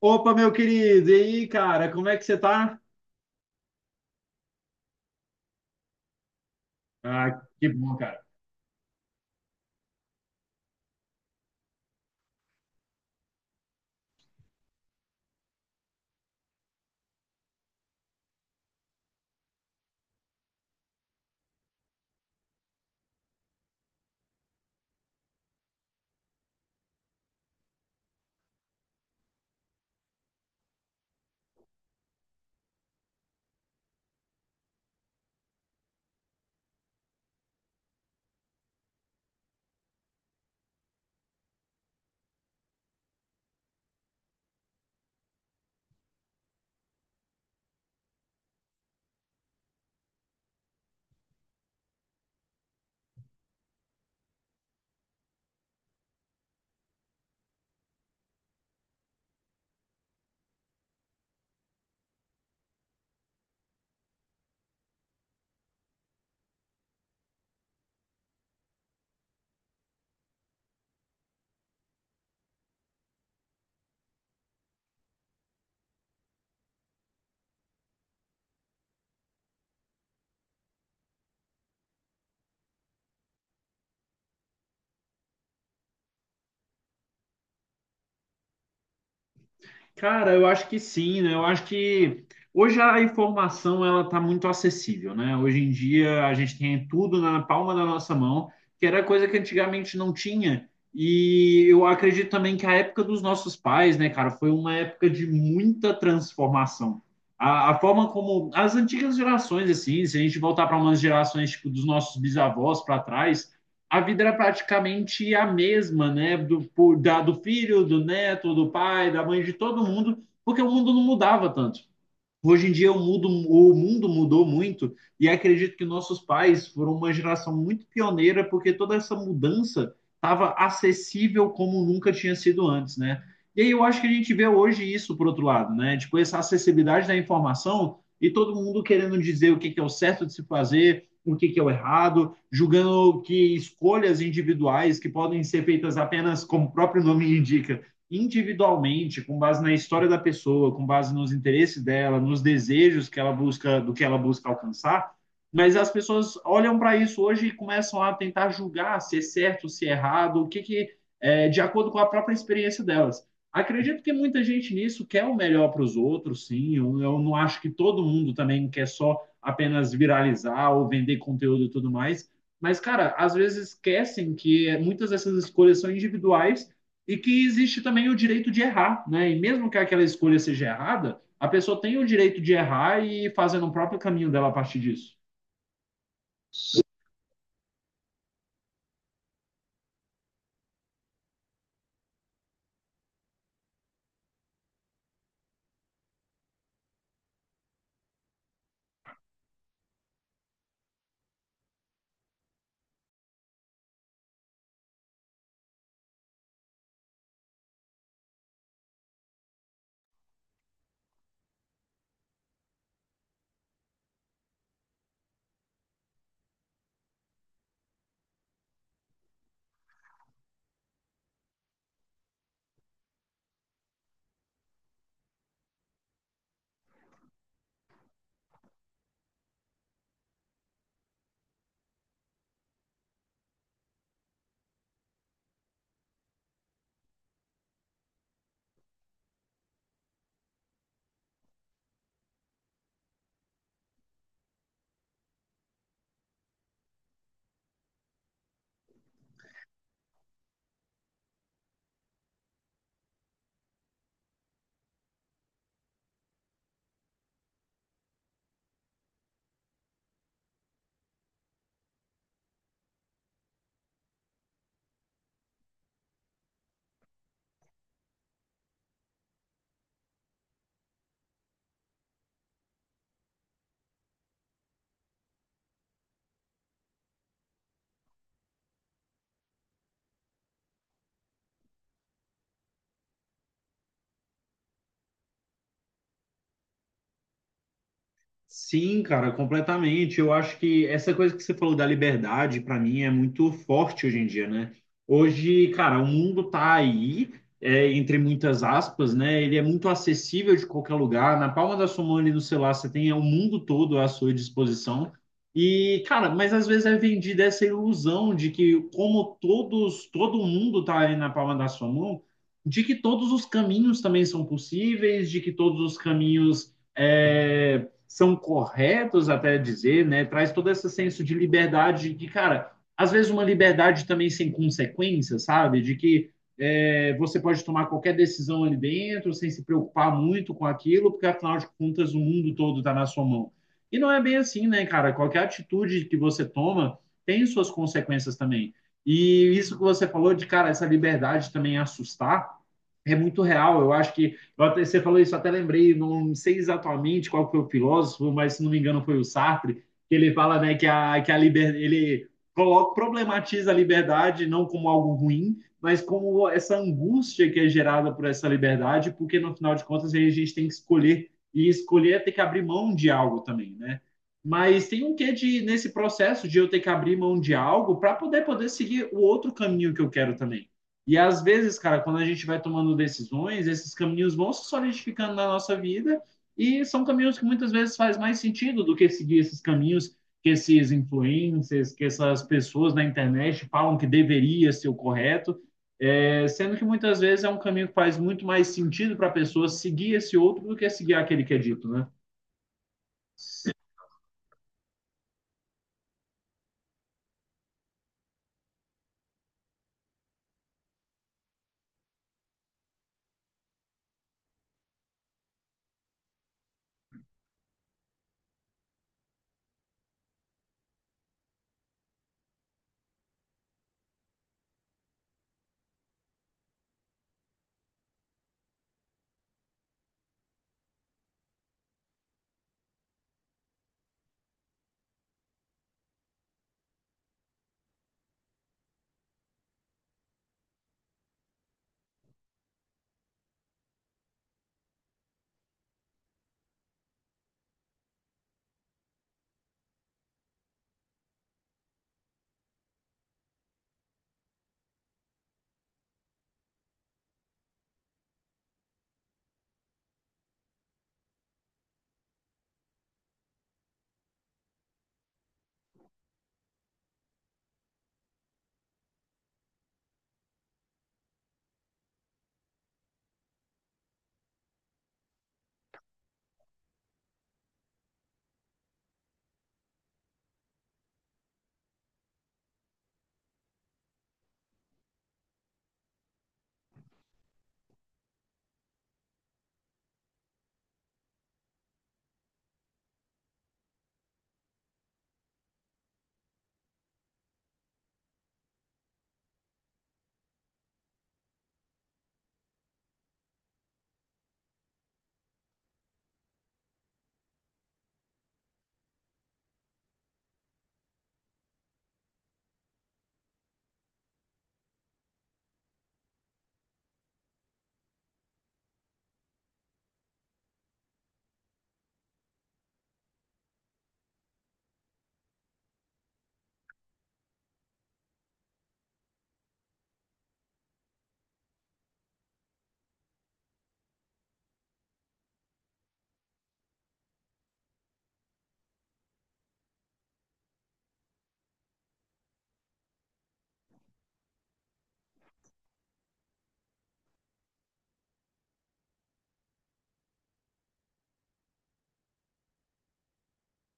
Opa, meu querido, e aí, cara, como é que você tá? Ah, que bom, cara. Cara, eu acho que sim, né? Eu acho que hoje a informação ela tá muito acessível, né? Hoje em dia a gente tem tudo na palma da nossa mão, que era coisa que antigamente não tinha. E eu acredito também que a época dos nossos pais, né, cara, foi uma época de muita transformação. A forma como as antigas gerações, assim, se a gente voltar para umas gerações tipo dos nossos bisavós para trás, a vida era praticamente a mesma, né? Do filho, do neto, do pai, da mãe, de todo mundo, porque o mundo não mudava tanto. Hoje em dia o mundo mudou muito e acredito que nossos pais foram uma geração muito pioneira porque toda essa mudança estava acessível como nunca tinha sido antes, né? E aí eu acho que a gente vê hoje isso por outro lado, né? Tipo, essa acessibilidade da informação e todo mundo querendo dizer o que é o certo de se fazer, o que é o errado, julgando que escolhas individuais que podem ser feitas apenas, como o próprio nome indica, individualmente, com base na história da pessoa, com base nos interesses dela, nos desejos que ela busca, do que ela busca alcançar. Mas as pessoas olham para isso hoje e começam a tentar julgar se é certo, se é errado, o que é, de acordo com a própria experiência delas. Acredito que muita gente nisso quer o melhor para os outros, sim. Eu não acho que todo mundo também quer só apenas viralizar ou vender conteúdo e tudo mais. Mas, cara, às vezes esquecem que muitas dessas escolhas são individuais e que existe também o direito de errar, né? E mesmo que aquela escolha seja errada, a pessoa tem o direito de errar e ir fazendo o próprio caminho dela a partir disso. Sim, cara, completamente. Eu acho que essa coisa que você falou da liberdade, para mim, é muito forte hoje em dia, né? Hoje, cara, o mundo tá aí, entre muitas aspas, né? Ele é muito acessível de qualquer lugar. Na palma da sua mão ali no celular, você tem o mundo todo à sua disposição. E, cara, mas às vezes é vendida essa ilusão de que, como todos, todo mundo tá ali na palma da sua mão, de que todos os caminhos também são possíveis, de que todos os caminhos. É, são corretos até dizer, né? Traz todo esse senso de liberdade, de cara, às vezes uma liberdade também sem consequência, sabe? De que você pode tomar qualquer decisão ali dentro sem se preocupar muito com aquilo, porque afinal de contas o mundo todo está na sua mão. E não é bem assim, né, cara? Qualquer atitude que você toma tem suas consequências também. E isso que você falou de, cara, essa liberdade também assustar é muito real. Eu acho que você falou isso, até lembrei, não sei exatamente qual foi o filósofo, mas se não me engano foi o Sartre, que ele fala, né, que a liberdade, ele coloca, problematiza a liberdade não como algo ruim, mas como essa angústia que é gerada por essa liberdade, porque no final de contas a gente tem que escolher, e escolher é ter que abrir mão de algo também, né? Mas tem um quê de, nesse processo de eu ter que abrir mão de algo para poder seguir o outro caminho que eu quero também. E às vezes, cara, quando a gente vai tomando decisões, esses caminhos vão se solidificando na nossa vida e são caminhos que muitas vezes faz mais sentido do que seguir esses caminhos que esses influencers, que essas pessoas na internet falam que deveria ser o correto, sendo que muitas vezes é um caminho que faz muito mais sentido para a pessoa seguir esse outro do que seguir aquele que é dito, né?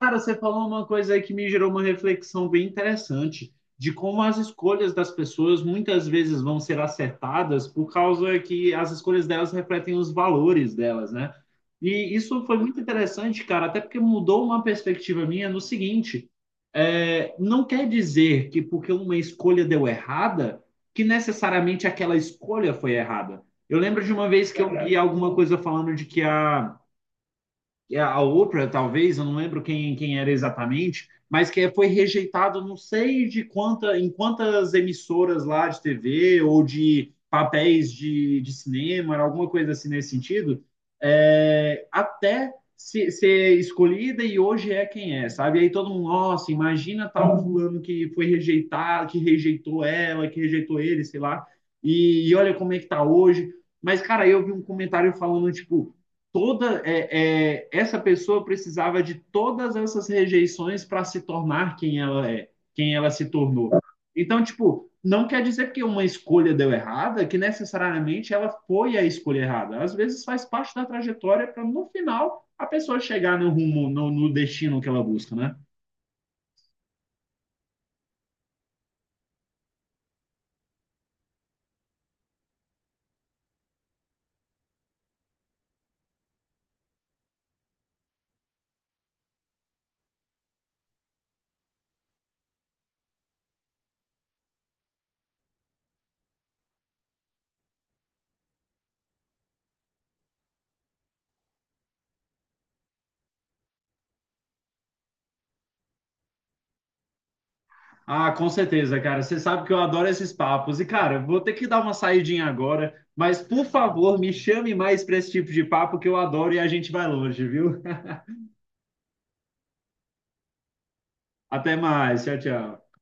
Cara, você falou uma coisa aí que me gerou uma reflexão bem interessante de como as escolhas das pessoas muitas vezes vão ser acertadas por causa que as escolhas delas refletem os valores delas, né? E isso foi muito interessante, cara, até porque mudou uma perspectiva minha no seguinte: não quer dizer que porque uma escolha deu errada, que necessariamente aquela escolha foi errada. Eu lembro de uma vez que eu vi alguma coisa falando de que a outra, talvez, eu não lembro quem, quem era exatamente, mas que foi rejeitado, não sei de quanta, em quantas emissoras lá de TV ou de papéis de cinema, alguma coisa assim nesse sentido, até ser escolhida e hoje é quem é, sabe? Aí todo mundo, nossa, imagina tal fulano que foi rejeitado, que rejeitou ela, que rejeitou ele, sei lá, e olha como é que tá hoje. Mas, cara, eu vi um comentário falando, tipo, essa pessoa precisava de todas essas rejeições para se tornar quem ela é, quem ela se tornou. Então, tipo, não quer dizer que uma escolha deu errada, que necessariamente ela foi a escolha errada. Às vezes faz parte da trajetória para no final a pessoa chegar no rumo, no destino que ela busca, né? Ah, com certeza, cara. Você sabe que eu adoro esses papos. E, cara, vou ter que dar uma saidinha agora, mas por favor, me chame mais para esse tipo de papo que eu adoro e a gente vai longe, viu? Até mais. Tchau, tchau.